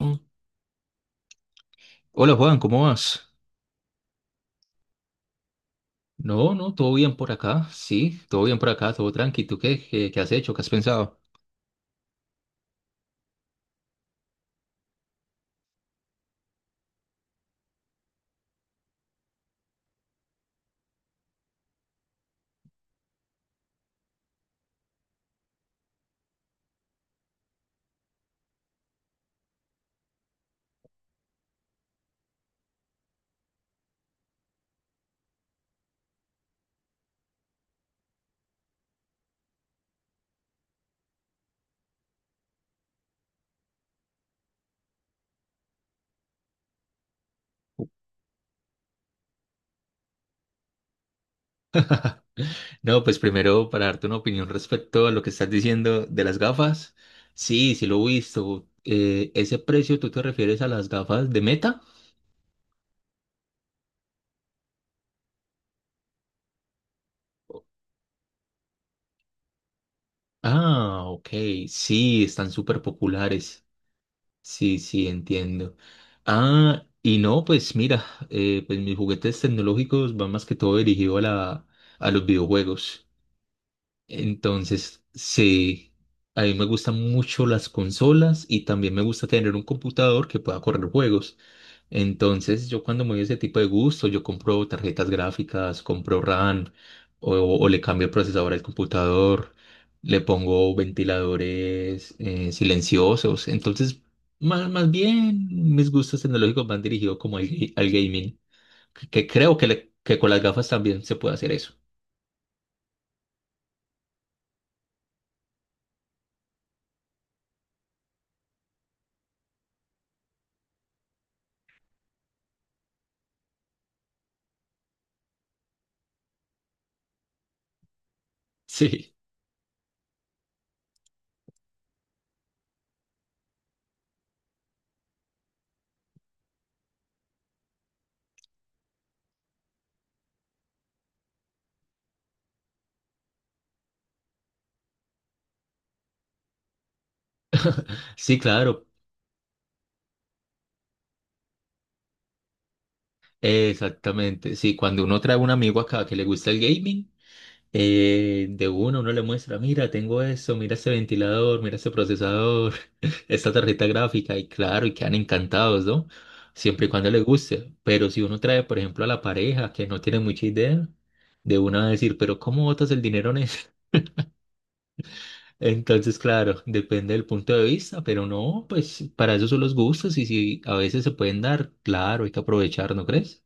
Mm. Hola Juan, ¿cómo vas? No, no, todo bien por acá, sí, todo bien por acá, todo tranqui. ¿Tú qué has hecho? ¿Qué has pensado? No, pues primero para darte una opinión respecto a lo que estás diciendo de las gafas. Sí, sí lo he visto. ¿Ese precio tú te refieres a las gafas de Meta? Ah, ok, sí, están súper populares. Sí, sí, entiendo. Ah, y no, pues mira, pues mis juguetes tecnológicos van más que todo dirigido a los videojuegos. Entonces, sí, a mí me gustan mucho las consolas y también me gusta tener un computador que pueda correr juegos. Entonces, yo cuando me doy ese tipo de gusto, yo compro tarjetas gráficas, compro RAM o le cambio el procesador al computador, le pongo ventiladores silenciosos. Entonces, más bien mis gustos tecnológicos van dirigidos como al gaming, que creo que con las gafas también se puede hacer eso. Sí. Sí, claro. Exactamente, sí, cuando uno trae un amigo acá que le gusta el gaming, de uno uno le muestra, mira, tengo esto, mira este ventilador, mira este procesador, esta tarjeta gráfica, y claro, y quedan encantados, ¿no? Siempre y cuando le guste, pero si uno trae, por ejemplo, a la pareja que no tiene mucha idea, de una va a decir, pero ¿cómo botas el dinero en eso? Entonces, claro, depende del punto de vista, pero no, pues para eso son los gustos y si a veces se pueden dar, claro, hay que aprovechar, ¿no crees?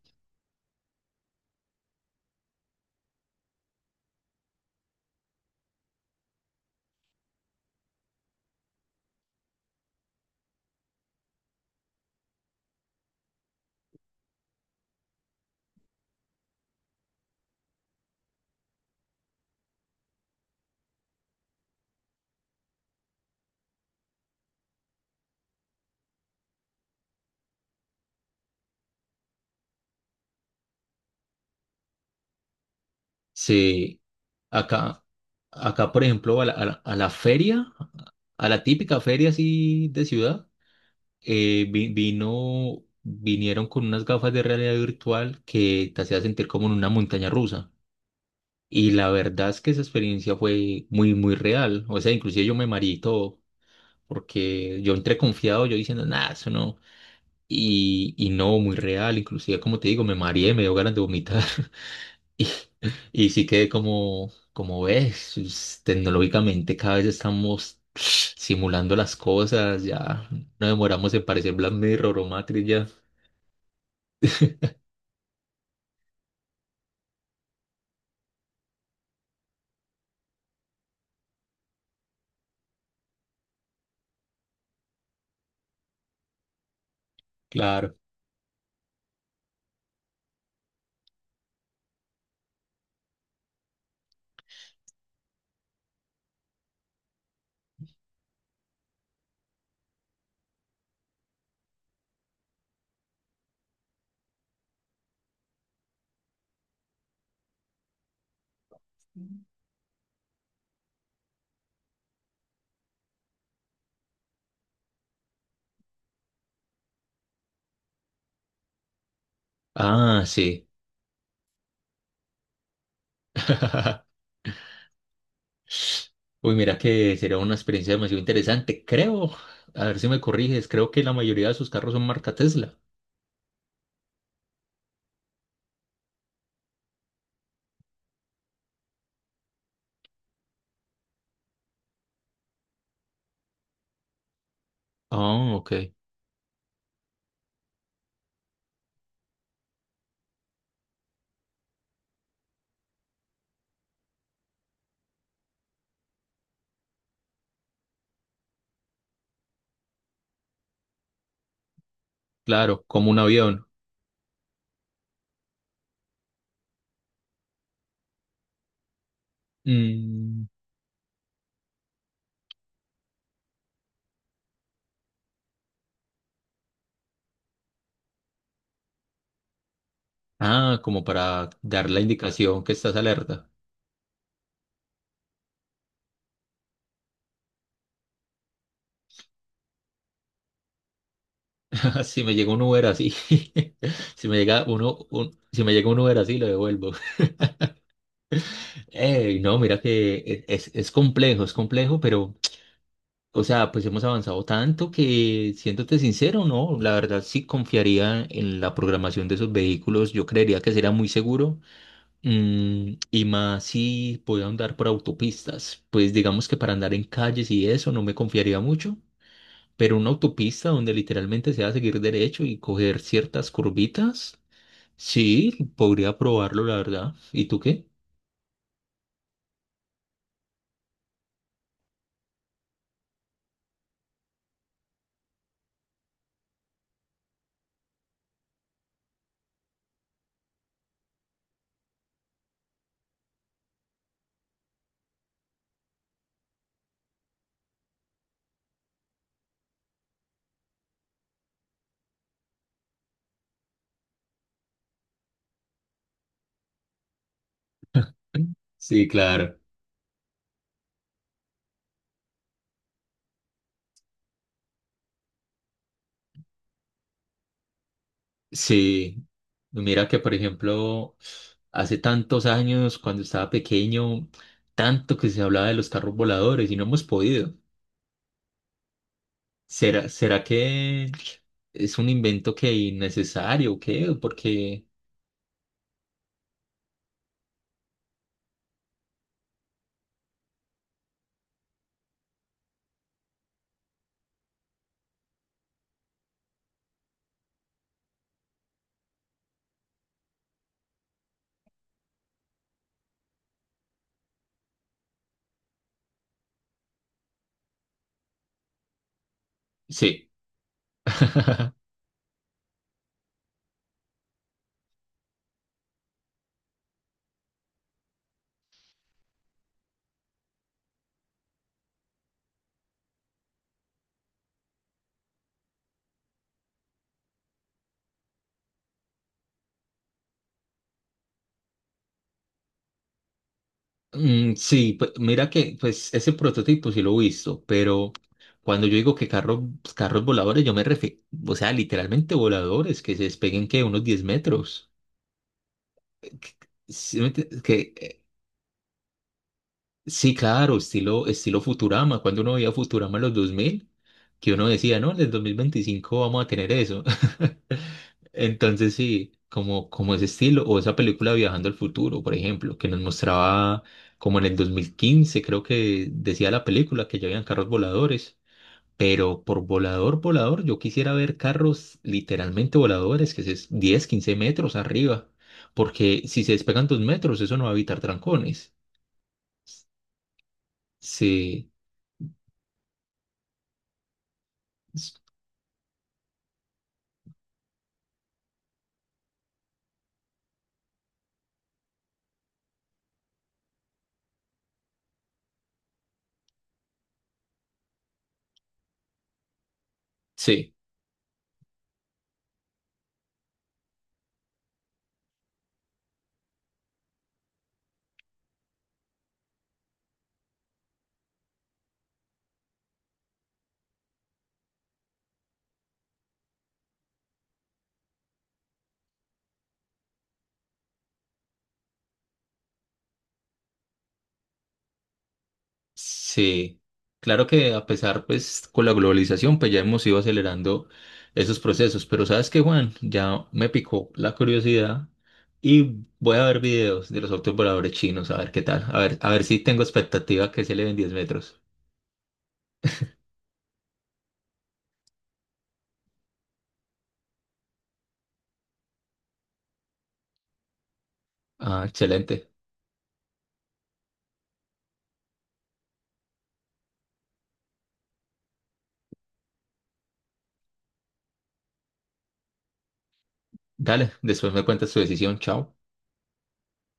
Sí. Acá, acá, por ejemplo, a la feria, a la típica feria así de ciudad, vinieron con unas gafas de realidad virtual que te hacía sentir como en una montaña rusa. Y la verdad es que esa experiencia fue muy, muy real. O sea, inclusive yo me mareé y todo, porque yo entré confiado, yo diciendo, nada, eso no. Y no, muy real. Inclusive, como te digo, me mareé, me dio ganas de vomitar. Y, y sí que como ves, tecnológicamente cada vez estamos simulando las cosas, ya no demoramos en parecer Black Mirror o Matrix ya. Claro. Ah, sí. Uy, mira que sería una experiencia demasiado interesante. Creo, a ver si me corriges, creo que la mayoría de sus carros son marca Tesla. Ah, ok. Claro, como un avión. Mm, Ah, como para dar la indicación que estás alerta. Si me llega un Uber así, si me llega uno, un- si me llega un Uber así, lo devuelvo. Ey, no, mira que es complejo, pero, o sea, pues hemos avanzado tanto que, siéndote sincero, no, la verdad sí confiaría en la programación de esos vehículos. Yo creería que sería muy seguro. Y más si puedo andar por autopistas. Pues digamos que para andar en calles y eso no me confiaría mucho. Pero una autopista donde literalmente se va a seguir derecho y coger ciertas curvitas. Sí, podría probarlo, la verdad. ¿Y tú qué? Sí, claro. Sí, mira que por ejemplo, hace tantos años, cuando estaba pequeño, tanto que se hablaba de los carros voladores y no hemos podido. ¿Será que es un invento que innecesario o qué? Porque sí. Sí, pues mira que pues ese prototipo sí lo he visto, pero cuando yo digo que carros, pues, carros voladores, yo me refiero, o sea, literalmente voladores que se despeguen que unos 10 metros. Eh, Que, que- sí me ent- que, Sí, claro, estilo Futurama. Cuando uno veía Futurama en los 2000, que uno decía, no, en el 2025 vamos a tener eso. Entonces, sí, como ese estilo, o esa película Viajando al Futuro, por ejemplo, que nos mostraba como en el 2015 creo que decía la película que ya habían carros voladores. Pero por volador, volador, yo quisiera ver carros literalmente voladores, que es 10-15 metros arriba, porque si se despegan 2 metros, eso no va a evitar trancones. Sí. Sí, sí. Claro que a pesar, pues, con la globalización, pues ya hemos ido acelerando esos procesos. Pero ¿sabes qué, Juan? Ya me picó la curiosidad y voy a ver videos de los autos voladores chinos, a ver qué tal. A ver si tengo expectativa que se le den 10 metros. Ah, excelente. Dale, después me cuentas tu decisión. Chao.